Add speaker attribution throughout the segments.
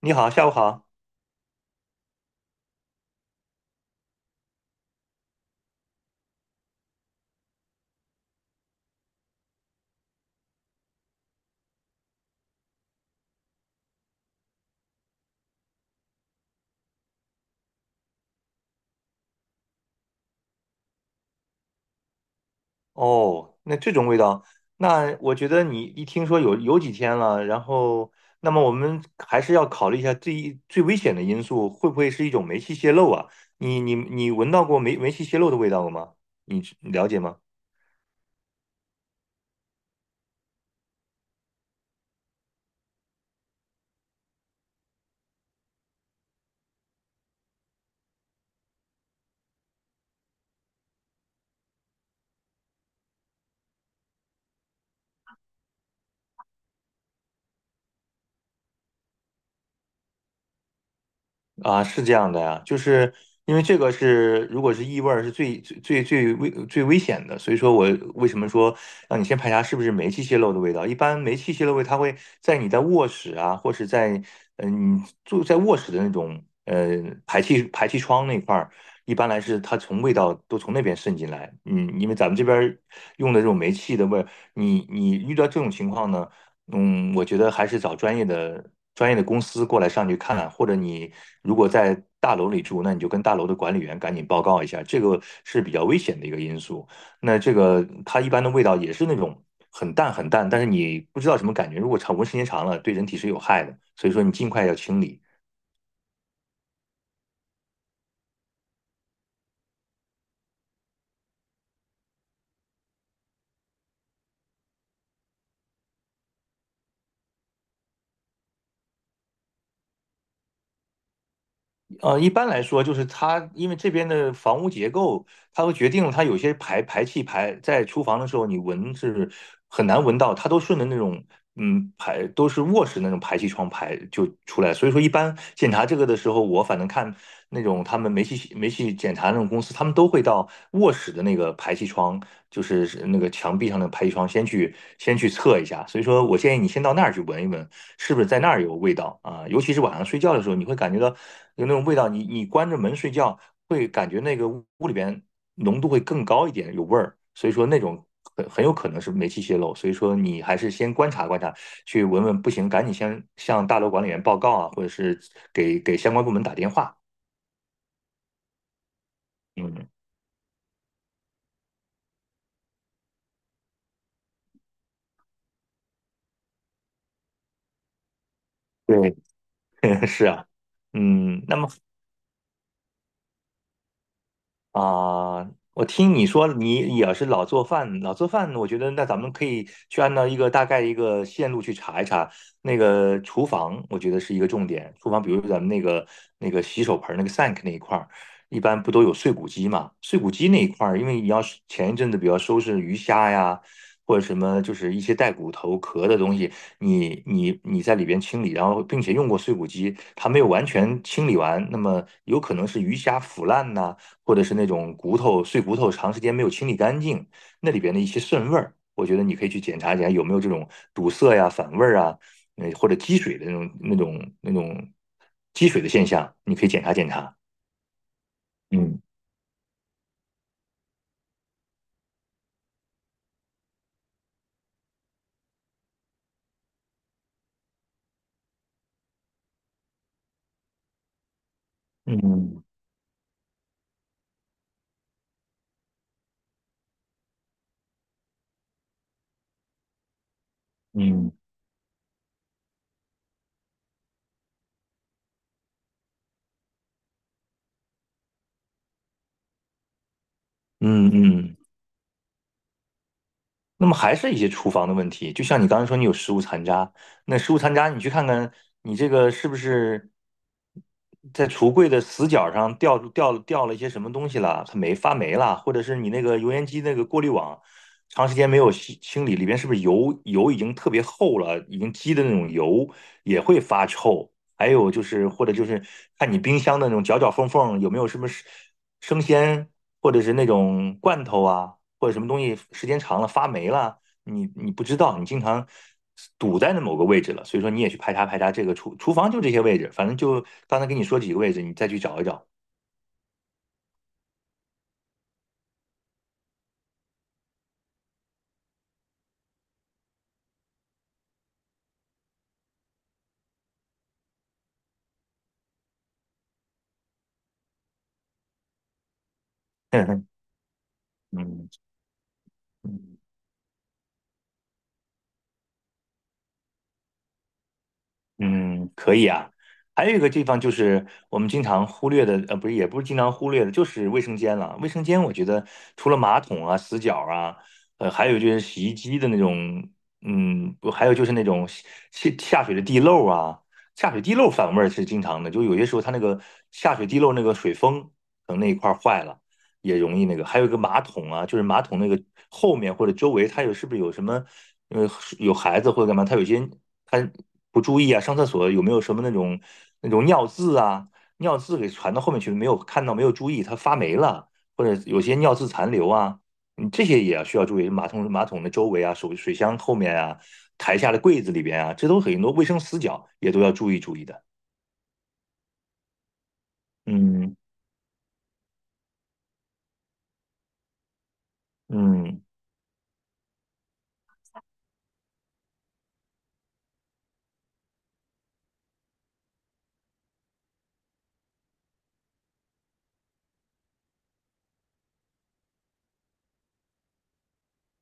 Speaker 1: 你好，下午好。哦，那这种味道，那我觉得你一听说有几天了，然后，那么我们还是要考虑一下最危险的因素，会不会是一种煤气泄漏啊？你闻到过煤气泄漏的味道了吗？你了解吗？啊，是这样的呀，就是因为这个是，如果是异味儿，是最危险的，所以说我为什么说让你先排查是不是煤气泄漏的味道？一般煤气泄漏味，它会在你在卧室啊，或是在嗯、住在卧室的那种排气窗那块儿，一般来是它从味道都从那边渗进来。嗯，因为咱们这边儿用的这种煤气的味儿，你遇到这种情况呢？我觉得还是找专业的公司过来上去看，或者你如果在大楼里住，那你就跟大楼的管理员赶紧报告一下，这个是比较危险的一个因素。那这个它一般的味道也是那种很淡很淡，但是你不知道什么感觉，如果长闻时间长了，对人体是有害的，所以说你尽快要清理。一般来说，就是它因为这边的房屋结构，它会决定了它有些排气排在厨房的时候，你闻是很难闻到，它都顺着那种排都是卧室那种排气窗排就出来，所以说一般检查这个的时候，我反正看那种他们煤气检查那种公司，他们都会到卧室的那个排气窗，就是那个墙壁上的排气窗，先去测一下。所以说我建议你先到那儿去闻一闻，是不是在那儿有味道啊？尤其是晚上睡觉的时候，你会感觉到有那种味道，你关着门睡觉，会感觉那个屋里边。浓度会更高一点，有味儿，所以说那种很有可能是煤气泄漏，所以说你还是先观察观察，去闻闻，不行赶紧先向大楼管理员报告啊，或者是给相关部门打电话。嗯，对，是啊，嗯，那么啊，我听你说你也是老做饭，老做饭，我觉得那咱们可以去按照一个大概一个线路去查一查那个厨房，我觉得是一个重点。厨房，比如咱们那个洗手盆儿那个 sink 那一块儿，一般不都有碎骨机嘛？碎骨机那一块儿，因为你要是前一阵子比较收拾鱼虾呀，或者什么就是一些带骨头壳的东西，你在里边清理，然后并且用过碎骨机，它没有完全清理完，那么有可能是鱼虾腐烂呐、或者是那种骨头碎骨头长时间没有清理干净，那里边的一些渗味儿，我觉得你可以去检查一下有没有这种堵塞呀、反味儿啊，或者积水的那种积水的现象，你可以检查检查。嗯嗯嗯嗯嗯。那么还是一些厨房的问题，就像你刚才说，你有食物残渣，那食物残渣你去看看，你这个是不是在橱柜的死角上掉了一些什么东西了？它没发霉了，或者是你那个油烟机那个过滤网长时间没有清清理，里边是不是油已经特别厚了，已经积的那种油也会发臭。还有就是或者就是看你冰箱的那种角角缝缝有没有什么生鲜或者是那种罐头啊，或者什么东西时间长了发霉了，你你不知道，你经常堵在那某个位置了，所以说你也去排查排查这个厨房就这些位置，反正就刚才跟你说几个位置，你再去找一找。嗯嗯。嗯，可以啊。还有一个地方就是我们经常忽略的，不是，也不是经常忽略的，就是卫生间了。卫生间，我觉得除了马桶啊、死角啊，还有就是洗衣机的那种，不还有就是那种下水的地漏啊，下水地漏反味儿是经常的。就有些时候它那个下水地漏那个水封可能那一块儿坏了，也容易那个。还有一个马桶啊，就是马桶那个后面或者周围，它有是不是有什么，呃，有孩子或者干嘛，它有些他不注意啊，上厕所有没有什么那种尿渍啊，尿渍给传到后面去，没有看到，没有注意，它发霉了，或者有些尿渍残留啊，你这些也要需要注意。马桶的周围啊，手水箱后面啊，台下的柜子里边啊，这都很多卫生死角也都要注意注意的。嗯嗯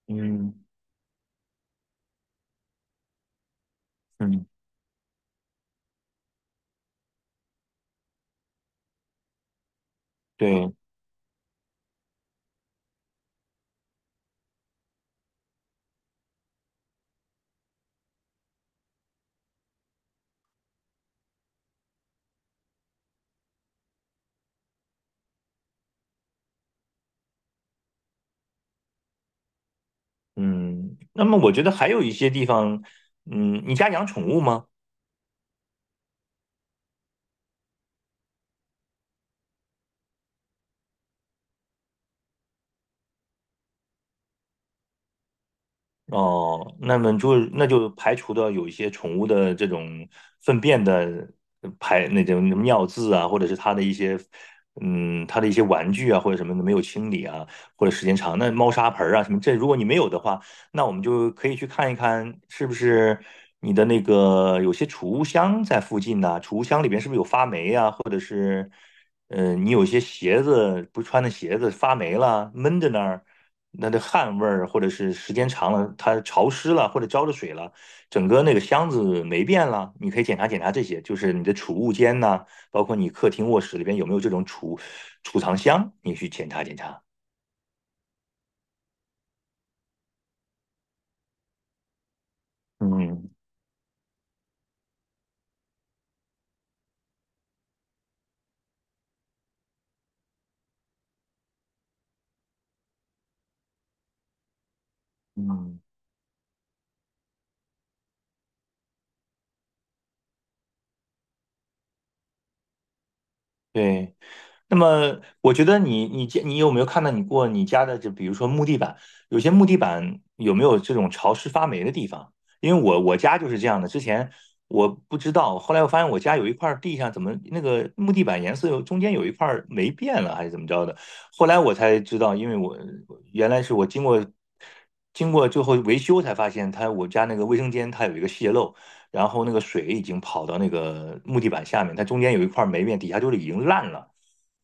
Speaker 1: 嗯嗯，对，嗯。那么我觉得还有一些地方，你家养宠物吗？哦，那么就那就排除掉有一些宠物的这种粪便的排那种尿渍啊，或者是它的一些它的一些玩具啊或者什么的没有清理啊，或者时间长，那猫砂盆儿啊什么这如果你没有的话，那我们就可以去看一看是不是你的那个有些储物箱在附近呐、储物箱里边是不是有发霉啊，或者是你有些鞋子不穿的鞋子发霉了闷在那儿。那的汗味儿，或者是时间长了，它潮湿了，或者浇着水了，整个那个箱子霉变了，你可以检查检查这些，就是你的储物间呐、包括你客厅、卧室里边有没有这种储藏箱，你去检查检查。嗯嗯，对，那么我觉得你家你有没有看到你家的，就比如说木地板，有些木地板有没有这种潮湿发霉的地方？因为我家就是这样的，之前我不知道，后来我发现我家有一块地上怎么那个木地板颜色有中间有一块霉变了，还是怎么着的？后来我才知道，因为我原来是我经过最后维修才发现它，我家那个卫生间它有一个泄漏。然后那个水已经跑到那个木地板下面，它中间有一块霉变，底下就是已经烂了。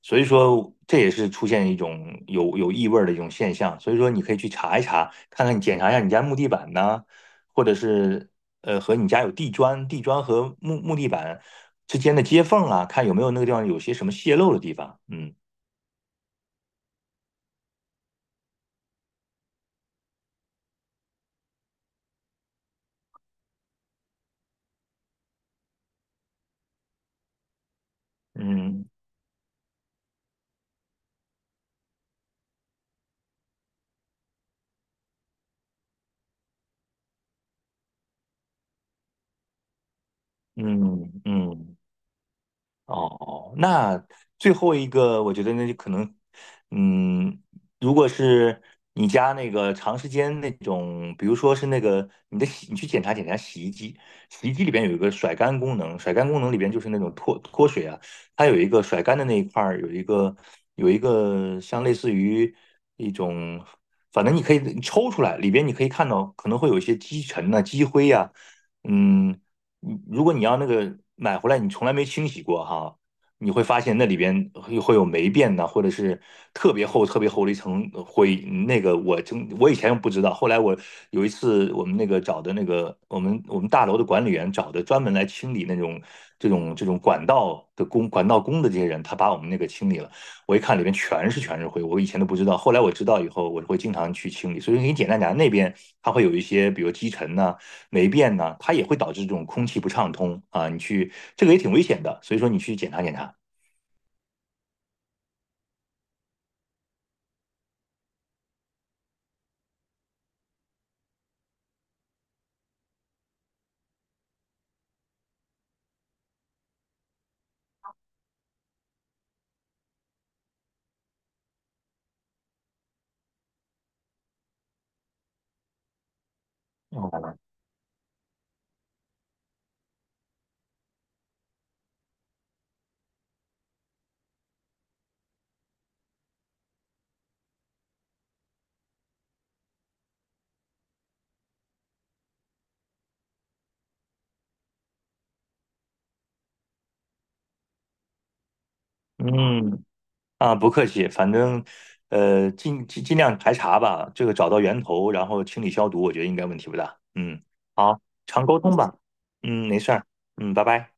Speaker 1: 所以说这也是出现一种有异味的一种现象。所以说你可以去查一查，看看你检查一下你家木地板呢，或者是和你家有地砖，地砖和木地板之间的接缝啊，看有没有那个地方有些什么泄漏的地方。嗯嗯嗯嗯。哦，那最后一个，我觉得那就可能，嗯，如果是你家那个长时间那种，比如说是那个你的洗，你去检查检查洗衣机，洗衣机里边有一个甩干功能，甩干功能里边就是那种脱水啊，它有一个甩干的那一块儿有一个像类似于一种，反正你可以你抽出来，里边你可以看到可能会有一些积尘呐、积灰呀、嗯，你如果你要那个买回来，你从来没清洗过哈，你会发现那里边会有霉变呐，或者是特别厚、特别厚的一层灰。那个我以前不知道，后来我有一次我们那个找的那个我们大楼的管理员找的专门来清理那种这种管道的管道工的这些人，他把我们那个清理了。我一看里面全是灰，我以前都不知道，后来我知道以后，我会经常去清理。所以你简单讲，那边它会有一些比如积尘呐、霉变呢，它也会导致这种空气不畅通啊。你去这个也挺危险的，所以说你去检查检查。哦，嗯，啊，不客气，反正尽量排查吧，这个找到源头，然后清理消毒，我觉得应该问题不大。嗯，好，常沟通吧。嗯，没事儿。嗯，拜拜。